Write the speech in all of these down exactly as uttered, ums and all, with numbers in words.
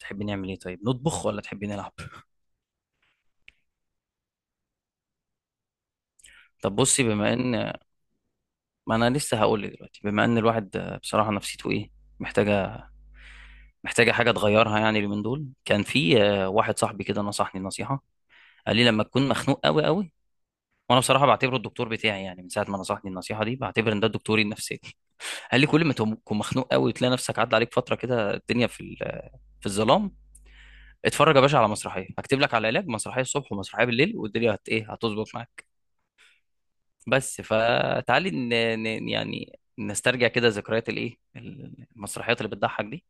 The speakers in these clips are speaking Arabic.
تحبي نعمل ايه؟ طيب، نطبخ ولا تحبي نلعب؟ طب بصي، بما ان ما انا لسه هقول لك دلوقتي، بما ان الواحد آه، بصراحه نفسيته ايه؟ محتاجه محتاجه حاجه تغيرها. يعني اليومين دول كان في آه، واحد صاحبي كده نصحني نصيحه. قال لي لما تكون مخنوق قوي قوي. وانا بصراحه بعتبره الدكتور بتاعي، يعني من ساعه ما نصحني النصيحه دي بعتبر ان ده دكتوري النفسي. قال لي كل ما تكون مخنوق قوي وتلاقي نفسك عدى عليك فتره كده الدنيا في ال- في الظلام، اتفرج يا باشا على مسرحيه. هكتب لك على علاج: مسرحيه الصبح ومسرحيه بالليل، والدنيا هت ايه، هتظبط معاك. بس فتعالي ن... ن... يعني نسترجع كده ذكريات الايه، المسرحيات اللي بتضحك دي.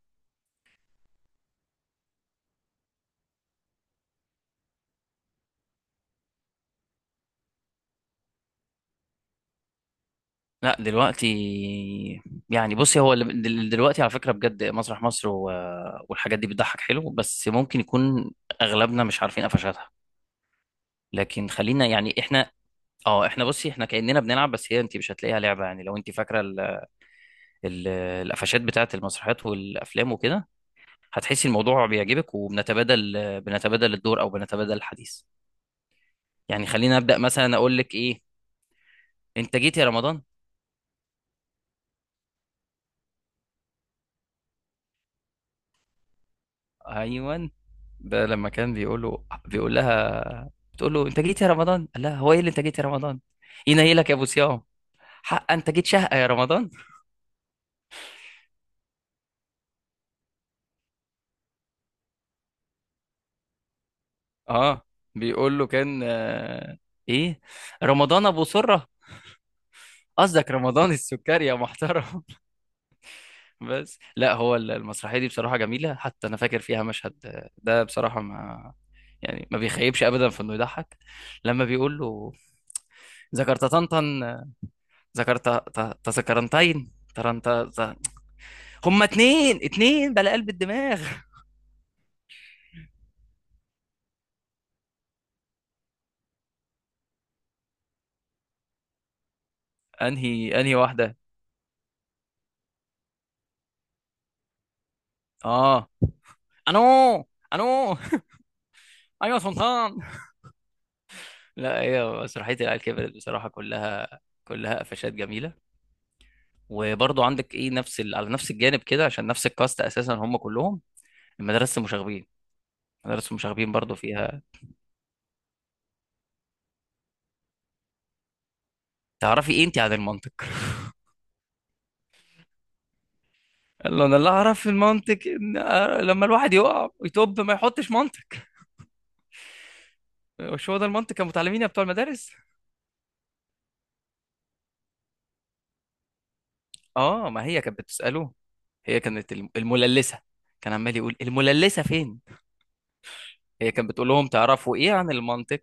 لا دلوقتي، يعني بصي، هو اللي- دل- دلوقتي على فكرة بجد مسرح مصر و... والحاجات دي بتضحك حلو، بس ممكن يكون اغلبنا مش عارفين قفشاتها. لكن خلينا يعني احنا، اه، احنا بصي احنا كأننا بنلعب، بس هي انت مش هتلاقيها لعبة. يعني لو انت فاكرة ال... ال... القفشات بتاعت المسرحيات والافلام وكده هتحسي الموضوع بيعجبك، وبنتبادل بنتبادل الدور، او بنتبادل الحديث. يعني خليني ابدا مثلا، اقول لك ايه: انت جيت يا رمضان؟ ايوان، ده لما كان بيقول له بيقول لها، بتقول له: انت جيت يا رمضان؟ قال لها: هو ايه اللي انت جيت يا رمضان، ينيلك يا ابو صيام، حق انت جيت شهقه يا رمضان. اه. بيقول له كان آه، ايه، رمضان ابو سره. قصدك رمضان السكري يا محترم. بس لا، هو المسرحيه دي بصراحه جميله، حتى انا فاكر فيها مشهد ده بصراحه، ما يعني ما بيخيبش ابدا في انه يضحك. لما بيقول له: ذكرت طنطا، ذكرت تذكرنتين ترنت، هما اتنين اتنين بلا قلب الدماغ. انهي انهي واحده؟ اه. انو انو. ايوه سلطان. لا، هي مسرحيه العيال كبرت بصراحه كلها، كلها قفشات جميله. وبرضو عندك ايه، نفس ال... على نفس الجانب كده، عشان نفس الكاست اساسا هم كلهم. المدرسه المشاغبين، مدرسة المشاغبين برضو فيها: تعرفي ايه انت عن المنطق؟ قال له: انا اللي اعرف في المنطق ان لما الواحد يقع ويتوب ما يحطش منطق. مش هو ده المنطق يا متعلمين يا بتوع المدارس؟ اه، ما هي كانت بتسأله. هي كانت الم- المللسة. كان عمال يقول: المللسة فين. هي كانت بتقول لهم: تعرفوا ايه عن المنطق؟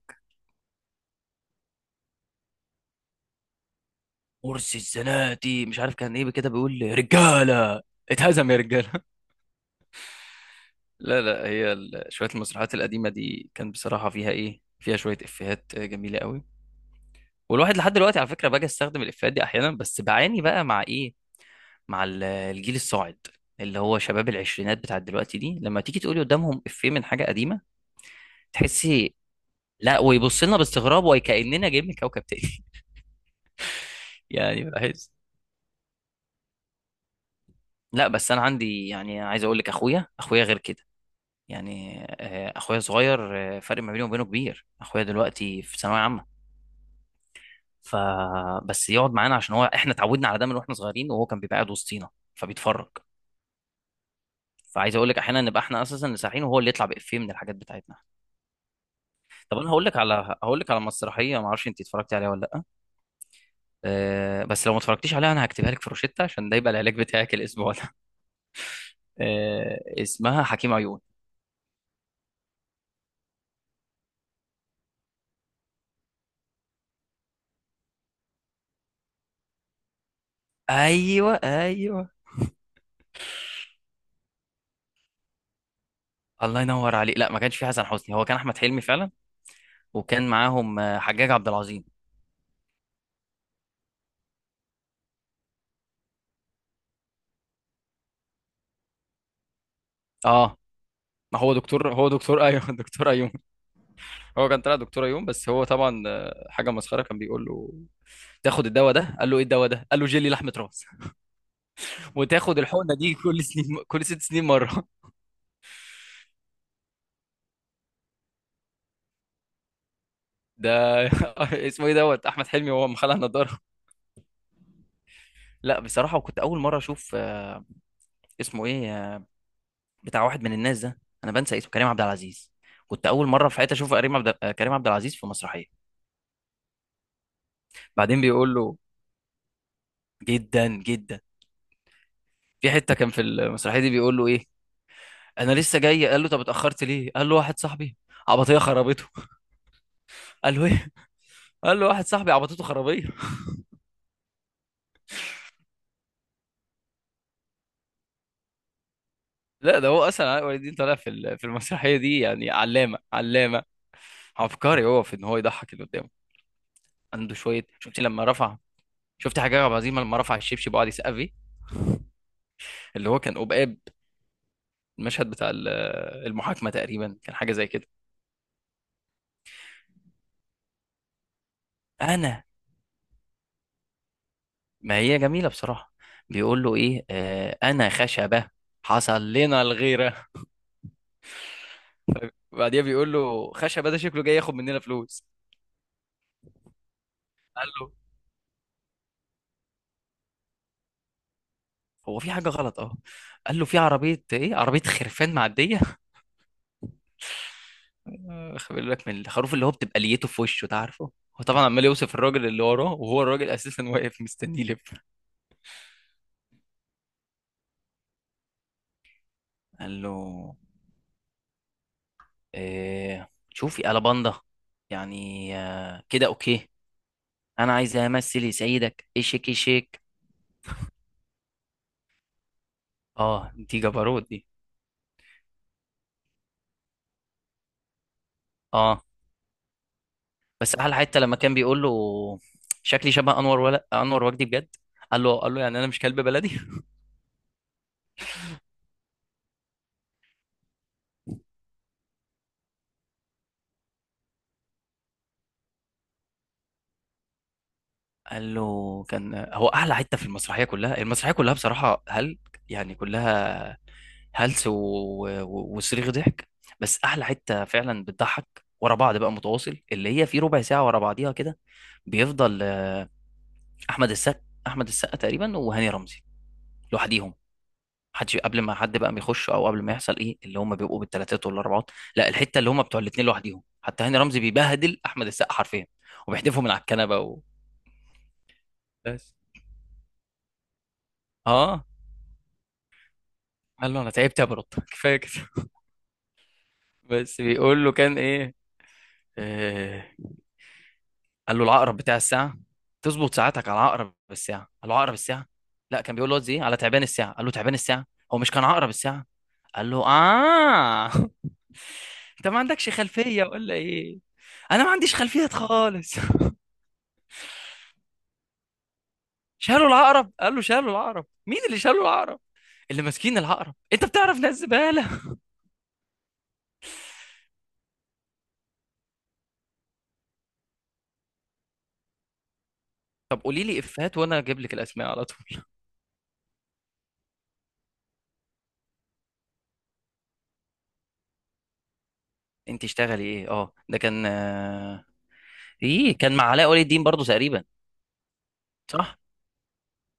مرسي الزناتي مش عارف كان ايه، كده بيقول: رجالة، اتهزم يا رجالة. لا لا، هي ال- شوية المسرحيات القديمة دي كان بصراحة فيها ايه، فيها شوية افيهات جميلة قوي. والواحد لحد دلوقتي على فكرة باجي استخدم الافيهات دي احيانا، بس بعاني بقى مع ايه، مع ال- الجيل الصاعد، اللي هو شباب العشرينات بتاع دلوقتي دي، لما تيجي تقولي قدامهم افيه من حاجة قديمة تحسي، لا، ويبص لنا باستغراب وكأننا جايين من كوكب تاني. يعني بحس، لا، بس انا عندي، يعني عايز اقول لك، اخويا، اخويا غير كده. يعني آه، اخويا صغير، آه، فرق ما بينه وبينه كبير. اخويا دلوقتي في ثانويه عامه، ف بس يقعد معانا، عشان هو احنا اتعودنا على ده من واحنا صغيرين، وهو كان بيبقى قاعد وسطينا فبيتفرج. فعايز اقول لك احيانا نبقى احنا اساسا اللي سارحين، وهو اللي يطلع بافيه من الحاجات بتاعتنا. طب انا هقول لك على هقول لك على مسرحيه، ما اعرفش انت اتفرجتي عليها ولا لا. أه، بس لو ما اتفرجتيش عليها انا هكتبها لك في روشتة، عشان ده يبقى العلاج بتاعك الاسبوع. آه، اسمها حكيم عيون. ايوه، ايوه. الله ينور عليك. لا، ما كانش في حسن حسني، هو كان احمد حلمي فعلا. وكان معاهم آه، حجاج عبد العظيم. اه، ما هو دكتور، هو دكتور. ايوه، دكتور ايوم. هو كان طلع دكتور ايوم، بس هو طبعا آه، حاجه مسخره. كان بيقول له: تاخد الدواء ده. قال له: ايه الدواء ده؟ قال له: جيلي لحمه راس. وتاخد الحقنه دي كل سنين كل ست سنين مره. ده اسمه ايه، دوت احمد حلمي وهو مخلع نضاره. لا بصراحه، وكنت اول مره اشوف آه، اسمه ايه، بتاع واحد من الناس ده انا بنسى اسمه، كريم عبد العزيز. كنت اول مره في حياتي اشوف كريم عبد آه، كريم عبد العزيز في مسرحيه. بعدين بيقول له، جدا جدا، في حته كان في المسرحيه دي بيقول له ايه: انا لسه جاي. قال له: طب اتاخرت ليه؟ قال له: واحد صاحبي عبطيه خربته. قال له ايه؟ قال له: واحد صاحبي عبطته خرابيه. لا، ده هو اصلا علاء ولي الدين طالع في ال- في المسرحيه دي يعني علامه، علامه عبقري هو في ان هو يضحك اللي قدامه. عنده شويه، شفتي لما رفع، شفتي حاجه عبد العزيز لما رفع الشبشب وقعد يسقف فيه، اللي هو كان قبقاب. المشهد بتاع ال- المحاكمة تقريبا، كان حاجة زي كده. أنا، ما هي جميلة بصراحة. بيقول له: إيه آه أنا خشبة، حصل لنا الغيرة. بعديها بيقول له: خشبة ده شكله جاي ياخد مننا فلوس. قال له: هو في حاجة غلط؟ أه. قال له: في عربية. إيه عربية؟ خرفان معدية. آه، خلي بالك من الخروف اللي هو بتبقى ليته في وشه ده، عارفه. هو طبعا عمال يوصف الراجل اللي وراه وهو الراجل اساسا واقف مستنيه يلف. قال له آه، شوفي ألاباندا. يعني آه، كده أوكي. أنا عايز أمثل. يسعدك إيه؟ شيك إيه شيك. أه، دي جبروت دي. أه، بس أحلى حتة لما كان بيقول له: شكلي شبه أنور ولا أنور وجدي بجد؟ قال له قال له يعني أنا مش كلب بلدي. قال له كان، هو أحلى حتة في المسرحية كلها. المسرحية كلها بصراحة هل يعني كلها هلس و... و... وصريخ ضحك. بس احلى حته فعلا بتضحك ورا بعض بقى متواصل، اللي هي في ربع ساعه ورا بعضيها كده، بيفضل احمد السقا. احمد السقا تقريبا وهاني رمزي لوحديهم. حد قبل ما حد بقى بيخش، او قبل ما يحصل ايه، اللي هم بيبقوا بالثلاثات والاربعات، لا، الحته اللي هم بتوع الاثنين لوحديهم. حتى هاني رمزي بيبهدل احمد السقا حرفيا، وبيحدفه من على الكنبه و... بس. اه. قال له: انا تعبت يا برد، كفايه كده. بس بيقول له كان ايه، آه... قال له: العقرب بتاع الساعه، تظبط ساعاتك على عقرب الساعه. قال له: عقرب الساعه؟ لا، كان بيقول له زي إيه، على تعبان الساعه. قال له: تعبان الساعه؟ هو مش كان عقرب الساعه؟ قال له: اه. انت ما عندكش خلفية ولا ايه؟ انا ما عنديش خلفية خالص. شالوا العقرب. قال له: شالوا العقرب؟ مين اللي شالوا العقرب؟ اللي ماسكين العقرب انت بتعرف ناس زبالة. طب قولي لي افيهات وانا اجيب لك الاسماء على طول. انت اشتغلي ايه؟ اه، ده كان آه، ايه، كان مع علاء ولي الدين برضو تقريبا. صح،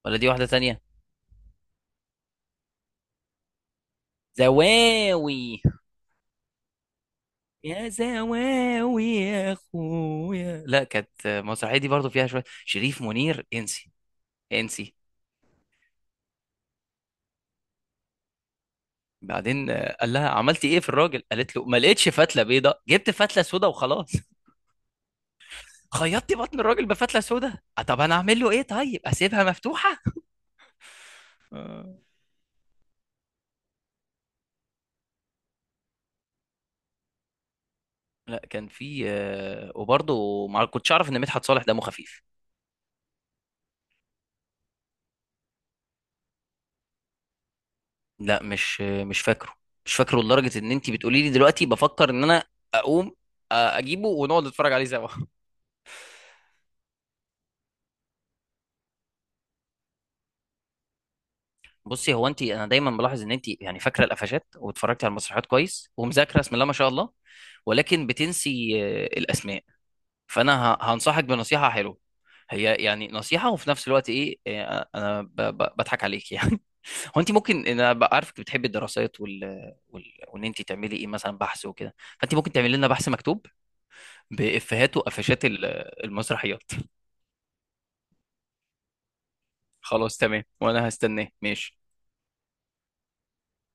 ولا دي واحدة تانية. زواوي. يا زواوي يا اخويا، لا كانت آه، مسرحية دي برضو فيها شوية شريف منير، انسي. انسي. بعدين آه، قال لها: عملتي ايه في الراجل؟ قالت له: ما لقيتش فتله بيضه، جبت فتله سودا وخلاص. خيطتي بطن الراجل بفتله سودا، آه، طب انا اعمل له ايه؟ طيب اسيبها مفتوحه. آه. لا، كان في آه، وبرضه ما كنتش اعرف ان مدحت صالح دمه خفيف. لا، مش آه، مش فاكره. مش فاكره لدرجه ان انت بتقولي لي دلوقتي بفكر ان انا اقوم آه، اجيبه ونقعد نتفرج عليه سوا. بصي، هو انت، انا دايما بلاحظ ان انت يعني فاكره القفشات واتفرجتي على المسرحيات كويس ومذاكره، بسم الله ما شاء الله، ولكن بتنسي آه، الاسماء. فانا ه- هنصحك بنصيحه حلوه. هي يعني نصيحه، وفي نفس الوقت ايه، إيه، انا ب- ب- بضحك عليك. يعني هو انت ممكن، انا ب- عارفك بتحبي الدراسات وال... وال... وان انت تعملي ايه، مثلا بحث وكده، فانت ممكن تعملي لنا بحث مكتوب بافيهات وقفشات ال- المسرحيات. خلاص تمام، وانا هستناه، ماشي.